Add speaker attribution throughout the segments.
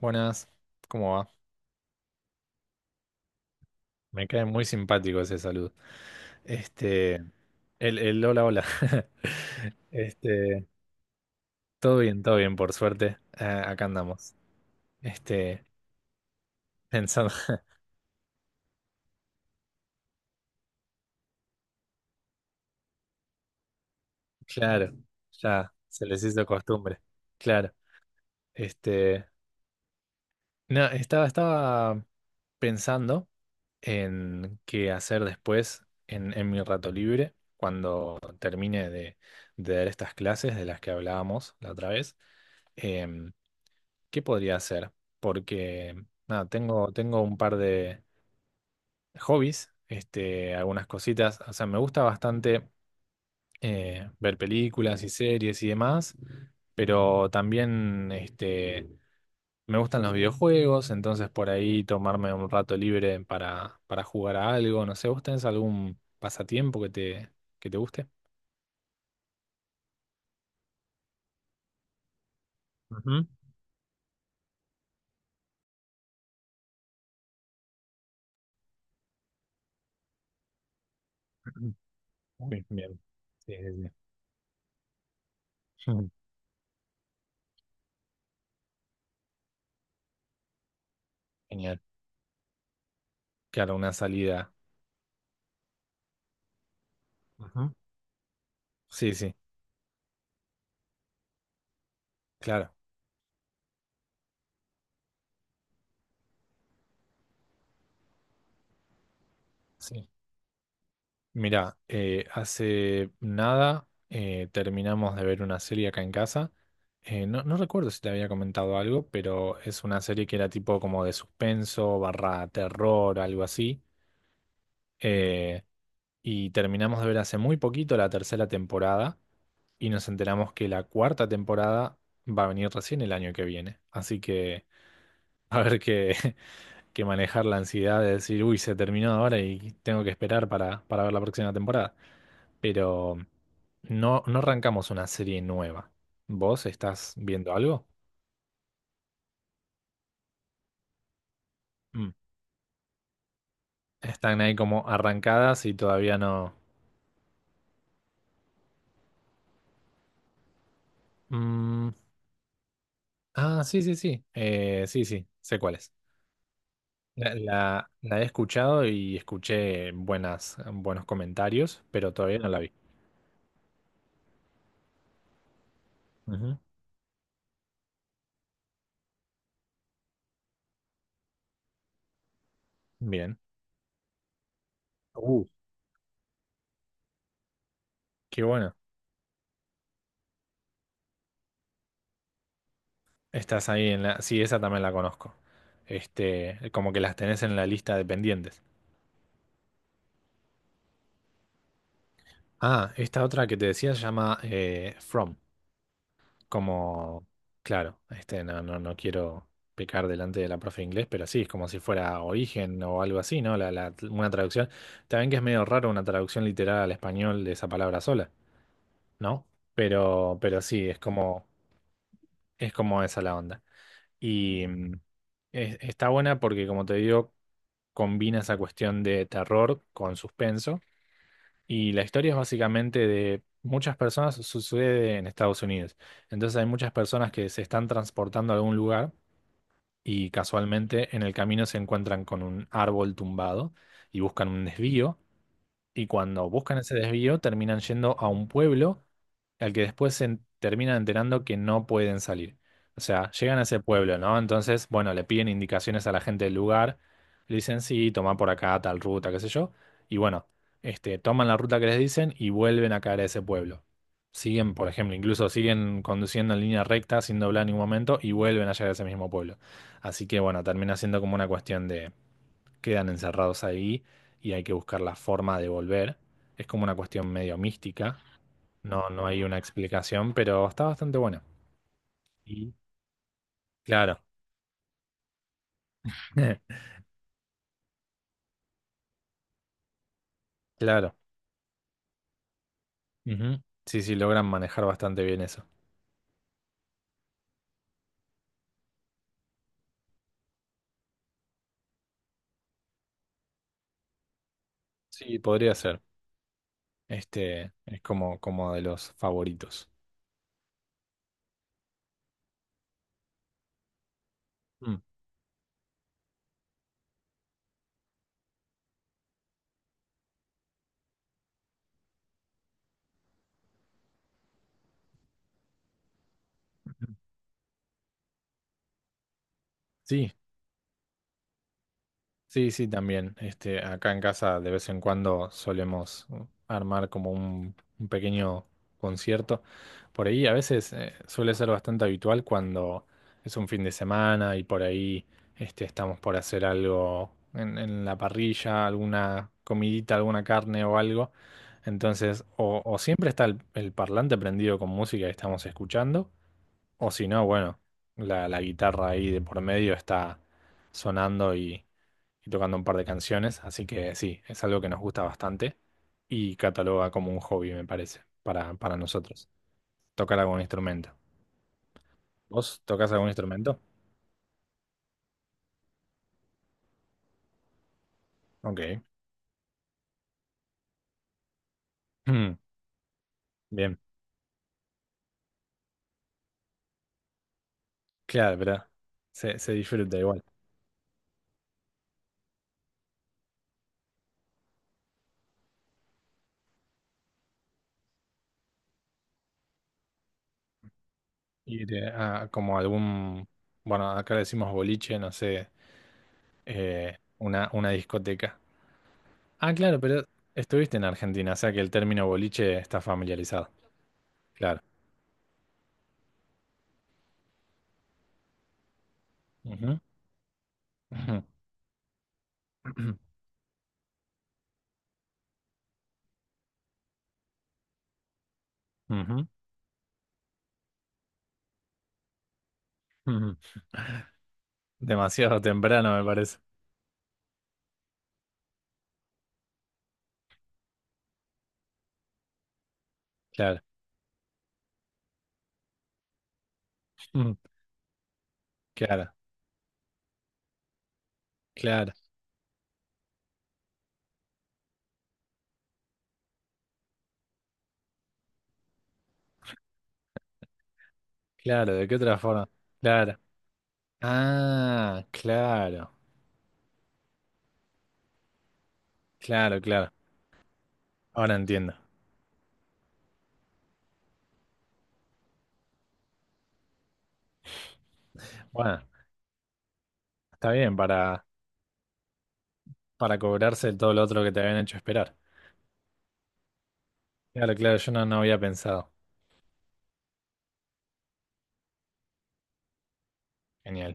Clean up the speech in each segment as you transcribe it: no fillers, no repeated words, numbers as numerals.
Speaker 1: Buenas, ¿cómo va? Me cae muy simpático ese saludo. Este, el hola, hola. Este, todo bien, por suerte. Ah, acá andamos. Este, pensando, claro, ya se les hizo costumbre. Claro. Este, no, estaba pensando en qué hacer después en mi rato libre, cuando termine de dar estas clases de las que hablábamos la otra vez. Em, ¿Qué podría hacer? Porque nada, tengo un par de hobbies, algunas cositas. O sea, me gusta bastante ver películas y series y demás, pero también me gustan los videojuegos, entonces por ahí tomarme un rato libre para jugar a algo. No sé, ¿vos tenés algún pasatiempo que que te guste? Ujú. Uy, bien. Sí, sí, sí. Mm. Genial. Claro, una salida. Ujú. Sí, sí, claro. Sí. Mirá, hace nada terminamos de ver una serie acá en casa. No, no recuerdo si te había comentado algo, pero es una serie que era tipo como de suspenso, barra terror, algo así. Eh, y terminamos de ver hace muy poquito la tercera temporada y nos enteramos que la cuarta temporada va a venir recién el año que viene. Así que va a haber que manejar la ansiedad de decir, uy, se terminó ahora y tengo que esperar para ver la próxima temporada, pero no, no arrancamos una serie nueva. ¿Vos estás viendo algo? Mm. Están ahí como arrancadas y todavía no. Mm, ah, sí, sí, sí. Sí, sí, sé cuál es. La he escuchado y escuché buenas, buenos comentarios, pero todavía no la vi. Ujú. Bien. Uh, qué bueno. Estás ahí en la. Sí, esa también la conozco. Este, como que las tenés en la lista de pendientes. Ah, esta otra que te decía se llama From. Como, claro, este, no, no, no quiero pecar delante de la profe de inglés, pero sí, es como si fuera origen o algo así, ¿no? Una traducción. También que es medio raro una traducción literal al español de esa palabra sola, ¿no? Pero sí, es como esa la onda. Y está buena porque, como te digo, combina esa cuestión de terror con suspenso. Y la historia es básicamente de muchas personas, sucede en Estados Unidos. Entonces hay muchas personas que se están transportando a algún lugar y casualmente en el camino se encuentran con un árbol tumbado y buscan un desvío. Y cuando buscan ese desvío, terminan yendo a un pueblo al que después terminan enterando que no pueden salir. O sea, llegan a ese pueblo, ¿no? Entonces, bueno, le piden indicaciones a la gente del lugar, le dicen, sí, toma por acá tal ruta, qué sé yo, y bueno, toman la ruta que les dicen y vuelven a caer a ese pueblo. Siguen, por ejemplo, incluso siguen conduciendo en línea recta sin doblar en ningún momento y vuelven a llegar a ese mismo pueblo. Así que bueno, termina siendo como una cuestión, quedan encerrados ahí y hay que buscar la forma de volver. Es como una cuestión medio mística, no, no hay una explicación, pero está bastante bueno. Y claro, claro. Ujú. Sí, sí, logran manejar bastante bien eso. Sí, podría ser. Este es como, como de los favoritos. Mm. Sí. Sí, sí, también. Este, acá en casa de vez en cuando solemos armar como un pequeño concierto. Por ahí a veces suele ser bastante habitual cuando es un fin de semana y por ahí estamos por hacer algo en la parrilla, alguna comidita, alguna carne o algo. Entonces, o siempre está el parlante prendido con música que estamos escuchando, o si no, bueno, la guitarra ahí de por medio está sonando y tocando un par de canciones, así que sí, es algo que nos gusta bastante y cataloga como un hobby, me parece, para nosotros, tocar algún instrumento. ¿Vos tocas algún instrumento? Ok. Mm, bien, claro, ¿verdad? Se disfruta igual. Ir a como algún, bueno, acá le decimos boliche, no sé, una discoteca. Ah, claro, pero estuviste en Argentina, o sea que el término boliche está familiarizado. Claro. Ujú, ujú, ujú, ujú, demasiado temprano, me parece. Claro. Mm, claro, claro, claro. ¿De qué otra forma? Claro. Ah, claro, claro, claro. Ahora entiendo. Bueno, está bien para cobrarse todo lo otro que te habían hecho esperar. Claro, claro, yo no, no había pensado. Genial.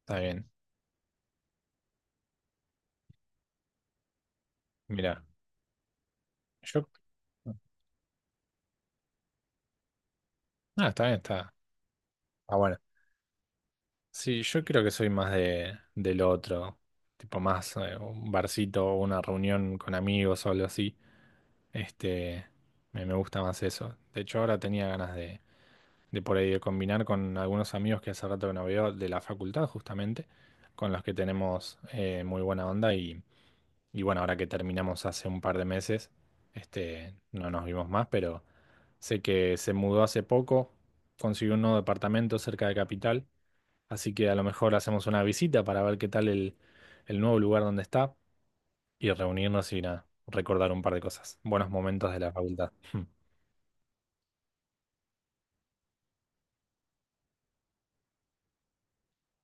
Speaker 1: Está bien. Mira, yo... Ah, está bien, está. Ah, bueno. Sí, yo creo que soy más del otro, tipo más un barcito o una reunión con amigos o algo así. Este, me gusta más eso. De hecho, ahora tenía ganas de por ahí de combinar con algunos amigos que hace rato que no veo de la facultad, justamente, con los que tenemos muy buena onda y bueno, ahora que terminamos hace un par de meses, este, no nos vimos más, pero sé que se mudó hace poco, consiguió un nuevo departamento cerca de Capital. Así que a lo mejor hacemos una visita para ver qué tal el nuevo lugar donde está y reunirnos y nada, recordar un par de cosas, buenos momentos de la facultad. Hmm.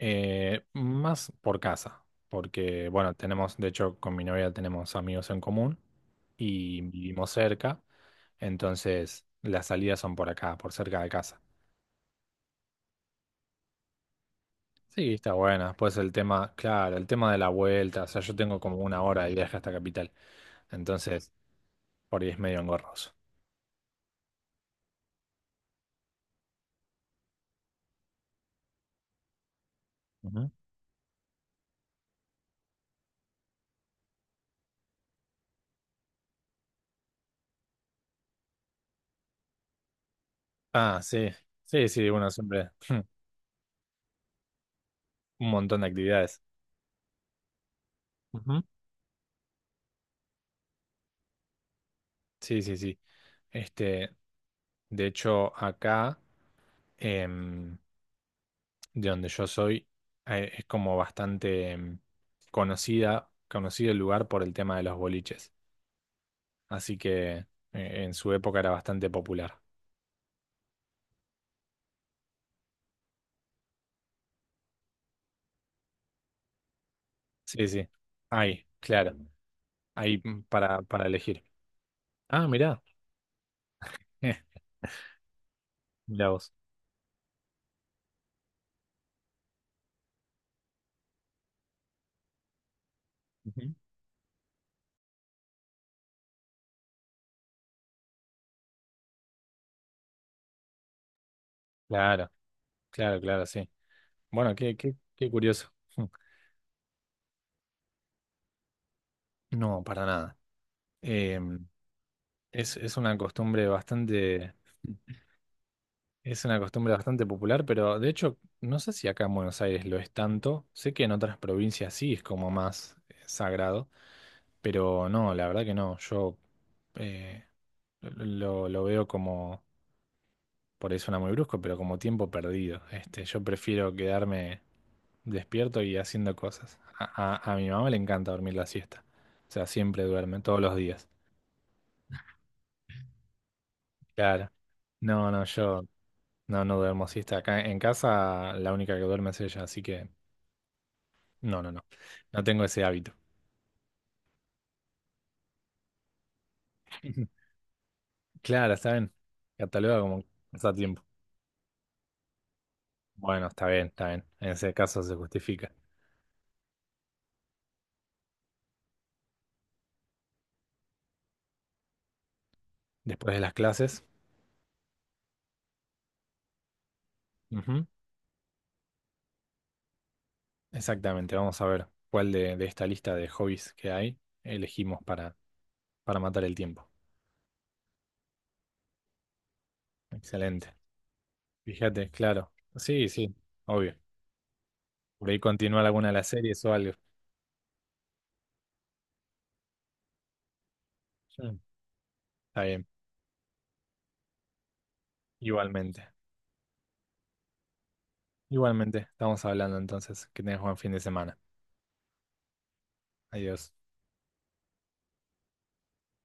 Speaker 1: Más por casa, porque bueno, tenemos, de hecho, con mi novia tenemos amigos en común y vivimos cerca, entonces las salidas son por acá, por cerca de casa. Sí, está buena. Después el tema, claro, el tema de la vuelta, o sea, yo tengo como una hora de viaje hasta Capital, entonces por ahí es medio engorroso. Ah, sí, sí, sí, bueno, siempre un montón de actividades. Ujú. Sí, sí, sí. Este, de hecho, acá, em, de donde yo soy, es como bastante conocido el lugar por el tema de los boliches. Así que en su época era bastante popular. Sí, sí. Ahí, claro. Ahí para elegir. Ah, mirá. Eh, mirá vos. Ujú. Claro, claro, claro, sí. Bueno, qué, qué, qué curioso. No, para nada. Eh, es una costumbre bastante, es una costumbre bastante popular, pero de hecho, no sé si acá en Buenos Aires lo es tanto. Sé que en otras provincias sí es como más sagrado, pero no, la verdad que no. Yo eh, lo veo como, por ahí suena muy brusco, pero como tiempo perdido. Este, yo prefiero quedarme despierto y haciendo cosas. A mi mamá le encanta dormir la siesta. O sea, siempre duerme, todos los días. Claro. No, no, yo. No, no duermo siesta. Acá en casa la única que duerme es ella, así que no, no, no. No tengo ese hábito. Claro, está bien. Cataloga como pasatiempo. Bueno, está bien, está bien. En ese caso se justifica. Después de las clases. Ujú, exactamente, vamos a ver cuál de esta lista de hobbies que hay elegimos para matar el tiempo. Excelente. Fíjate, claro. Sí, sí, obvio. Por ahí continuar alguna de las series o algo. Sí. Está bien, igualmente. Igualmente, estamos hablando entonces. Que tengas buen fin de semana. Adiós.